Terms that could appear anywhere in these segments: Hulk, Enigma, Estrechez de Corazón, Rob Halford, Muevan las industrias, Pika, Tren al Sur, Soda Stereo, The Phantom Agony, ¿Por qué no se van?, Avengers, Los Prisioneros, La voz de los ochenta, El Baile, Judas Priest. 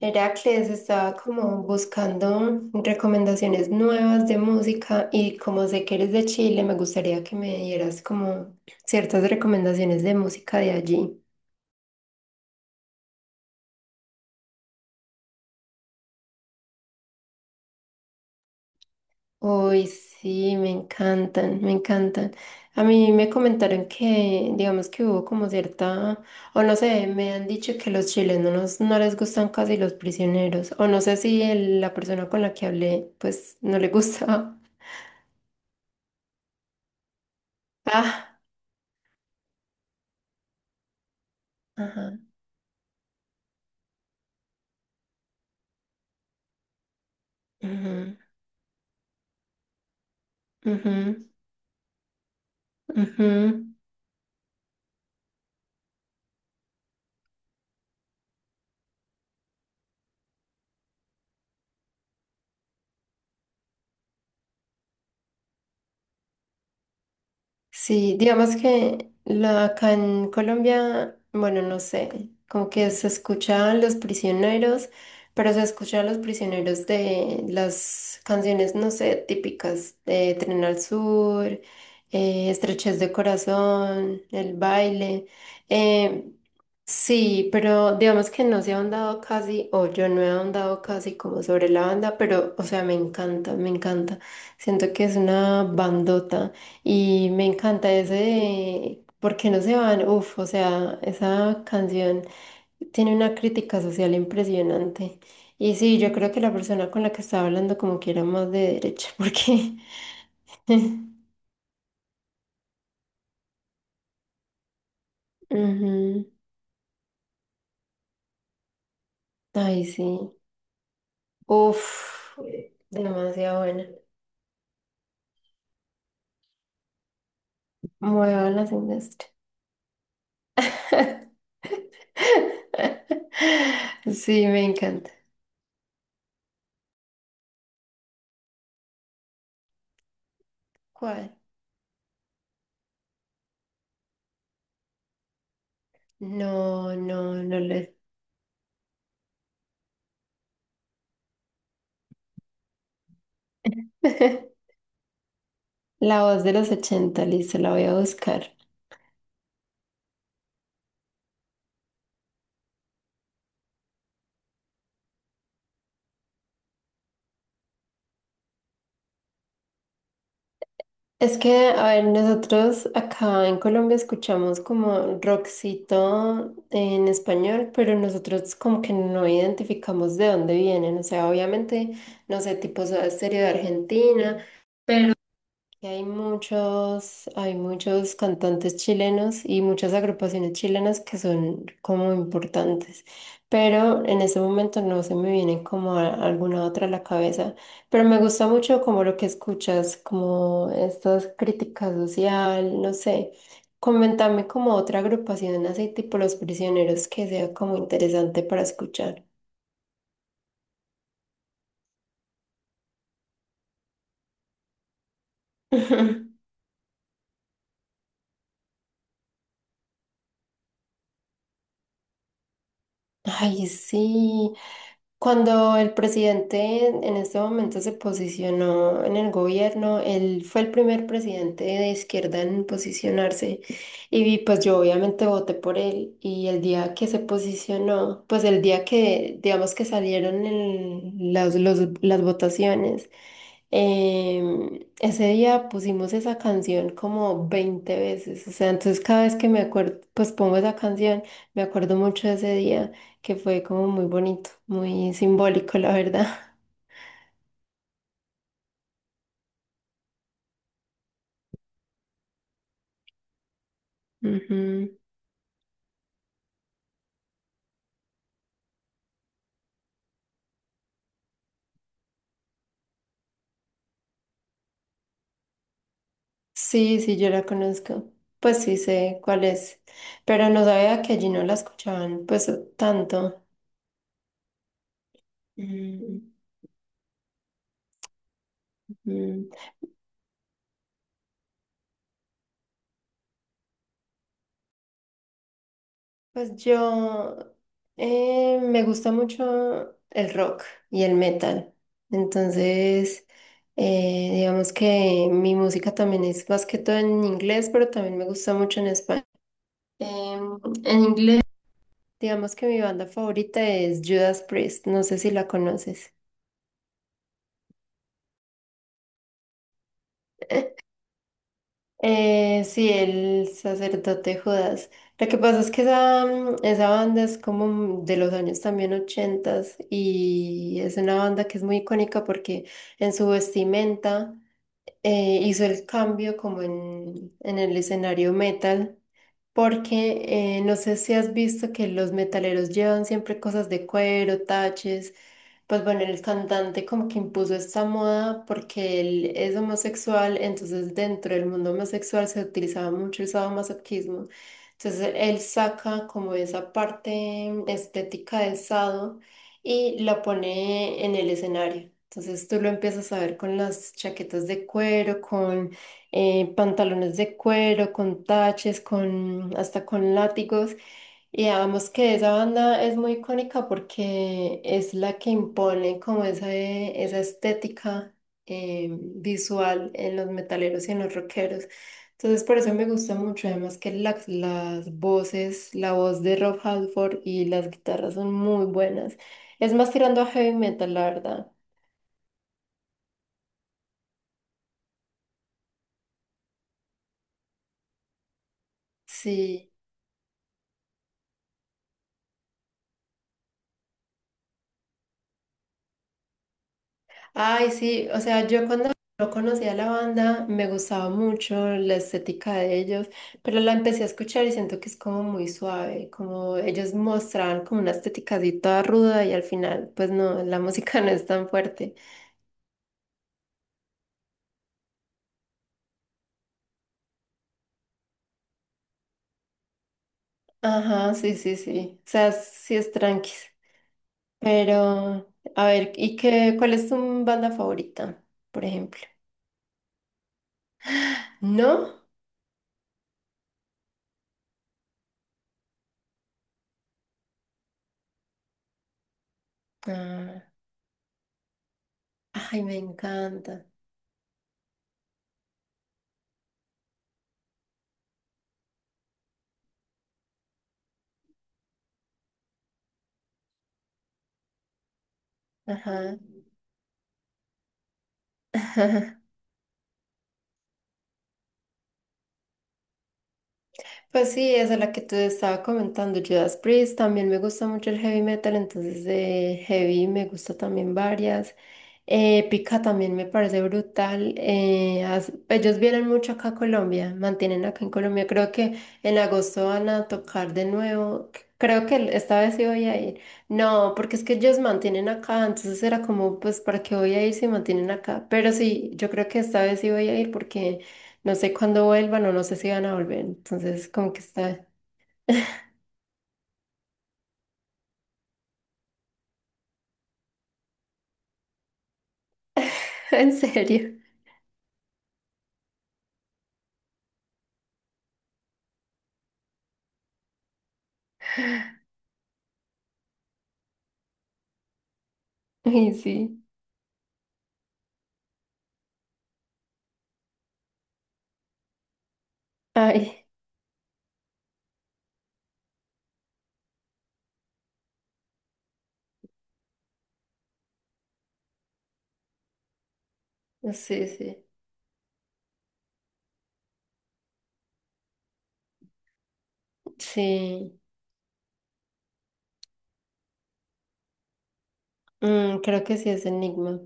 Heracles estaba como buscando recomendaciones nuevas de música y como sé que eres de Chile, me gustaría que me dieras como ciertas recomendaciones de música de allí. Uy, sí, me encantan, me encantan. A mí me comentaron que, digamos que hubo como cierta, o no sé, me han dicho que los chilenos no les gustan casi los prisioneros, o no sé si la persona con la que hablé, pues no le gustaba. Ah, ajá. Ujú, ujú. Ujú. Sí, digamos que la, acá en Colombia, bueno, no sé, como que se escucha a los prisioneros, pero se escucha a los prisioneros de las canciones, no sé, típicas de Tren al Sur, Estrechez de Corazón, El Baile. eh, sí, pero digamos que no se ha ahondado casi, o yo no he ahondado casi como sobre la banda, pero, o sea, me encanta, me encanta. Siento que es una bandota. Y me encanta ese de ¿Por qué no se van? Uf, o sea, esa canción tiene una crítica social impresionante. Y sí, yo creo que la persona con la que estaba hablando como que era más de derecha, porque... Ujú. Ay, sí. Uf, demasiado buena. Muevan las industrias. Sí, me encanta. ¿Cuál? No, no, no le... La voz de los ochenta listo, la voy a buscar. Es que, a ver, nosotros acá en Colombia escuchamos como rockcito en español, pero nosotros como que no identificamos de dónde vienen. O sea, obviamente, no sé, tipo Soda Stereo de Argentina, pero que hay muchos cantantes chilenos y muchas agrupaciones chilenas que son como importantes, pero en ese momento no se me viene como alguna otra a la cabeza, pero me gusta mucho como lo que escuchas, como estas críticas social, no sé. Coméntame como otra agrupación así tipo Los Prisioneros que sea como interesante para escuchar. Ay, sí. Cuando el presidente en este momento se posicionó en el gobierno, él fue el primer presidente de izquierda en posicionarse y pues yo obviamente voté por él y el día que se posicionó, pues el día que digamos que salieron las, las votaciones, ese día pusimos esa canción como 20 veces, o sea, entonces cada vez que me acuerdo, pues pongo esa canción, me acuerdo mucho de ese día que fue como muy bonito, muy simbólico, la verdad. Ujú. Sí, sí, yo la conozco. Pues sí sé cuál es, pero no sabía que allí no la escuchaban, pues tanto. Mm, mm. Pues yo me gusta mucho el rock y el metal. Entonces, digamos que mi música también es más que todo en inglés, pero también me gusta mucho en español. En inglés. Digamos que mi banda favorita es Judas Priest, no sé si la conoces. Sí, el sacerdote Judas. Lo que pasa es que esa, esa banda es como de los años también ochentas y es una banda que es muy icónica porque en su vestimenta hizo el cambio como en el escenario metal. Porque no sé si has visto que los metaleros llevan siempre cosas de cuero, taches. Pues bueno, el cantante como que impuso esta moda porque él es homosexual, entonces dentro del mundo homosexual se utilizaba mucho el sadomasoquismo. Entonces él saca como esa parte estética del sado y la pone en el escenario. Entonces tú lo empiezas a ver con las chaquetas de cuero, con pantalones de cuero, con taches, con, hasta con látigos. Y digamos que esa banda es muy icónica porque es la que impone como esa, esa estética visual en los metaleros y en los rockeros. Entonces por eso me gusta mucho, además que las voces, la voz de Rob Halford y las guitarras son muy buenas. Es más tirando a heavy metal, la verdad. Sí. Ay, sí, o sea, yo cuando no conocía la banda me gustaba mucho la estética de ellos, pero la empecé a escuchar y siento que es como muy suave, como ellos mostraban como una estética así toda ruda y al final, pues no, la música no es tan fuerte. Ajá, sí, sí, sí, o sea, sí es tranquis, pero a ver, ¿y qué, cuál es tu banda favorita, por ejemplo? ¿No? Ah, ay, me encanta. Ajá. Pues sí, esa es la que te estaba comentando, Judas Priest, también me gusta mucho el heavy metal, entonces de heavy me gusta también varias. Pika también me parece brutal. Ellos vienen mucho acá a Colombia, mantienen acá en Colombia. Creo que en agosto van a tocar de nuevo. Creo que esta vez sí voy a ir. No, porque es que ellos mantienen acá, entonces era como, pues, ¿para qué voy a ir si mantienen acá? Pero sí, yo creo que esta vez sí voy a ir porque... No sé cuándo vuelvan o no sé si van a volver. Entonces, como que está en serio. Y sí. Ay, no sé, sí. Sí. Mm, creo que sí es Enigma.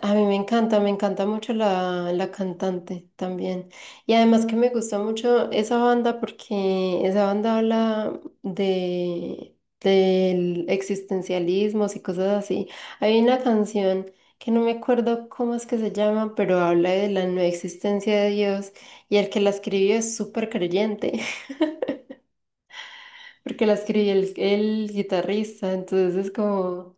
A mí me encanta mucho la, la cantante también. Y además que me gusta mucho esa banda porque esa banda habla de, del existencialismo y cosas así. Hay una canción que no me acuerdo cómo es que se llama, pero habla de la no existencia de Dios y el que la escribió es súper creyente porque la escribió el guitarrista, entonces es como...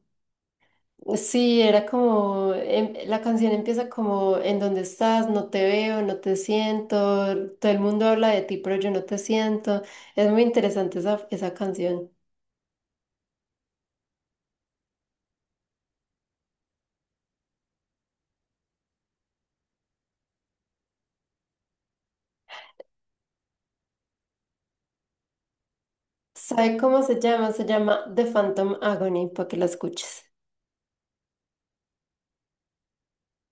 Sí, era como, la canción empieza como, ¿en dónde estás? No te veo, no te siento, todo el mundo habla de ti, pero yo no te siento. Es muy interesante esa, esa canción. ¿Sabe cómo se llama? Se llama The Phantom Agony, para que la escuches.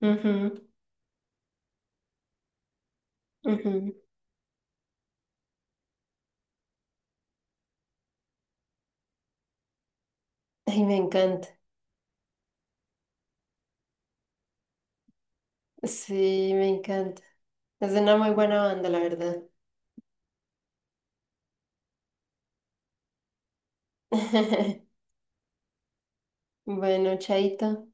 Ujú, ujú. Ay, me encanta. Sí, me encanta. Es una muy buena banda, la verdad. Bueno, chaito.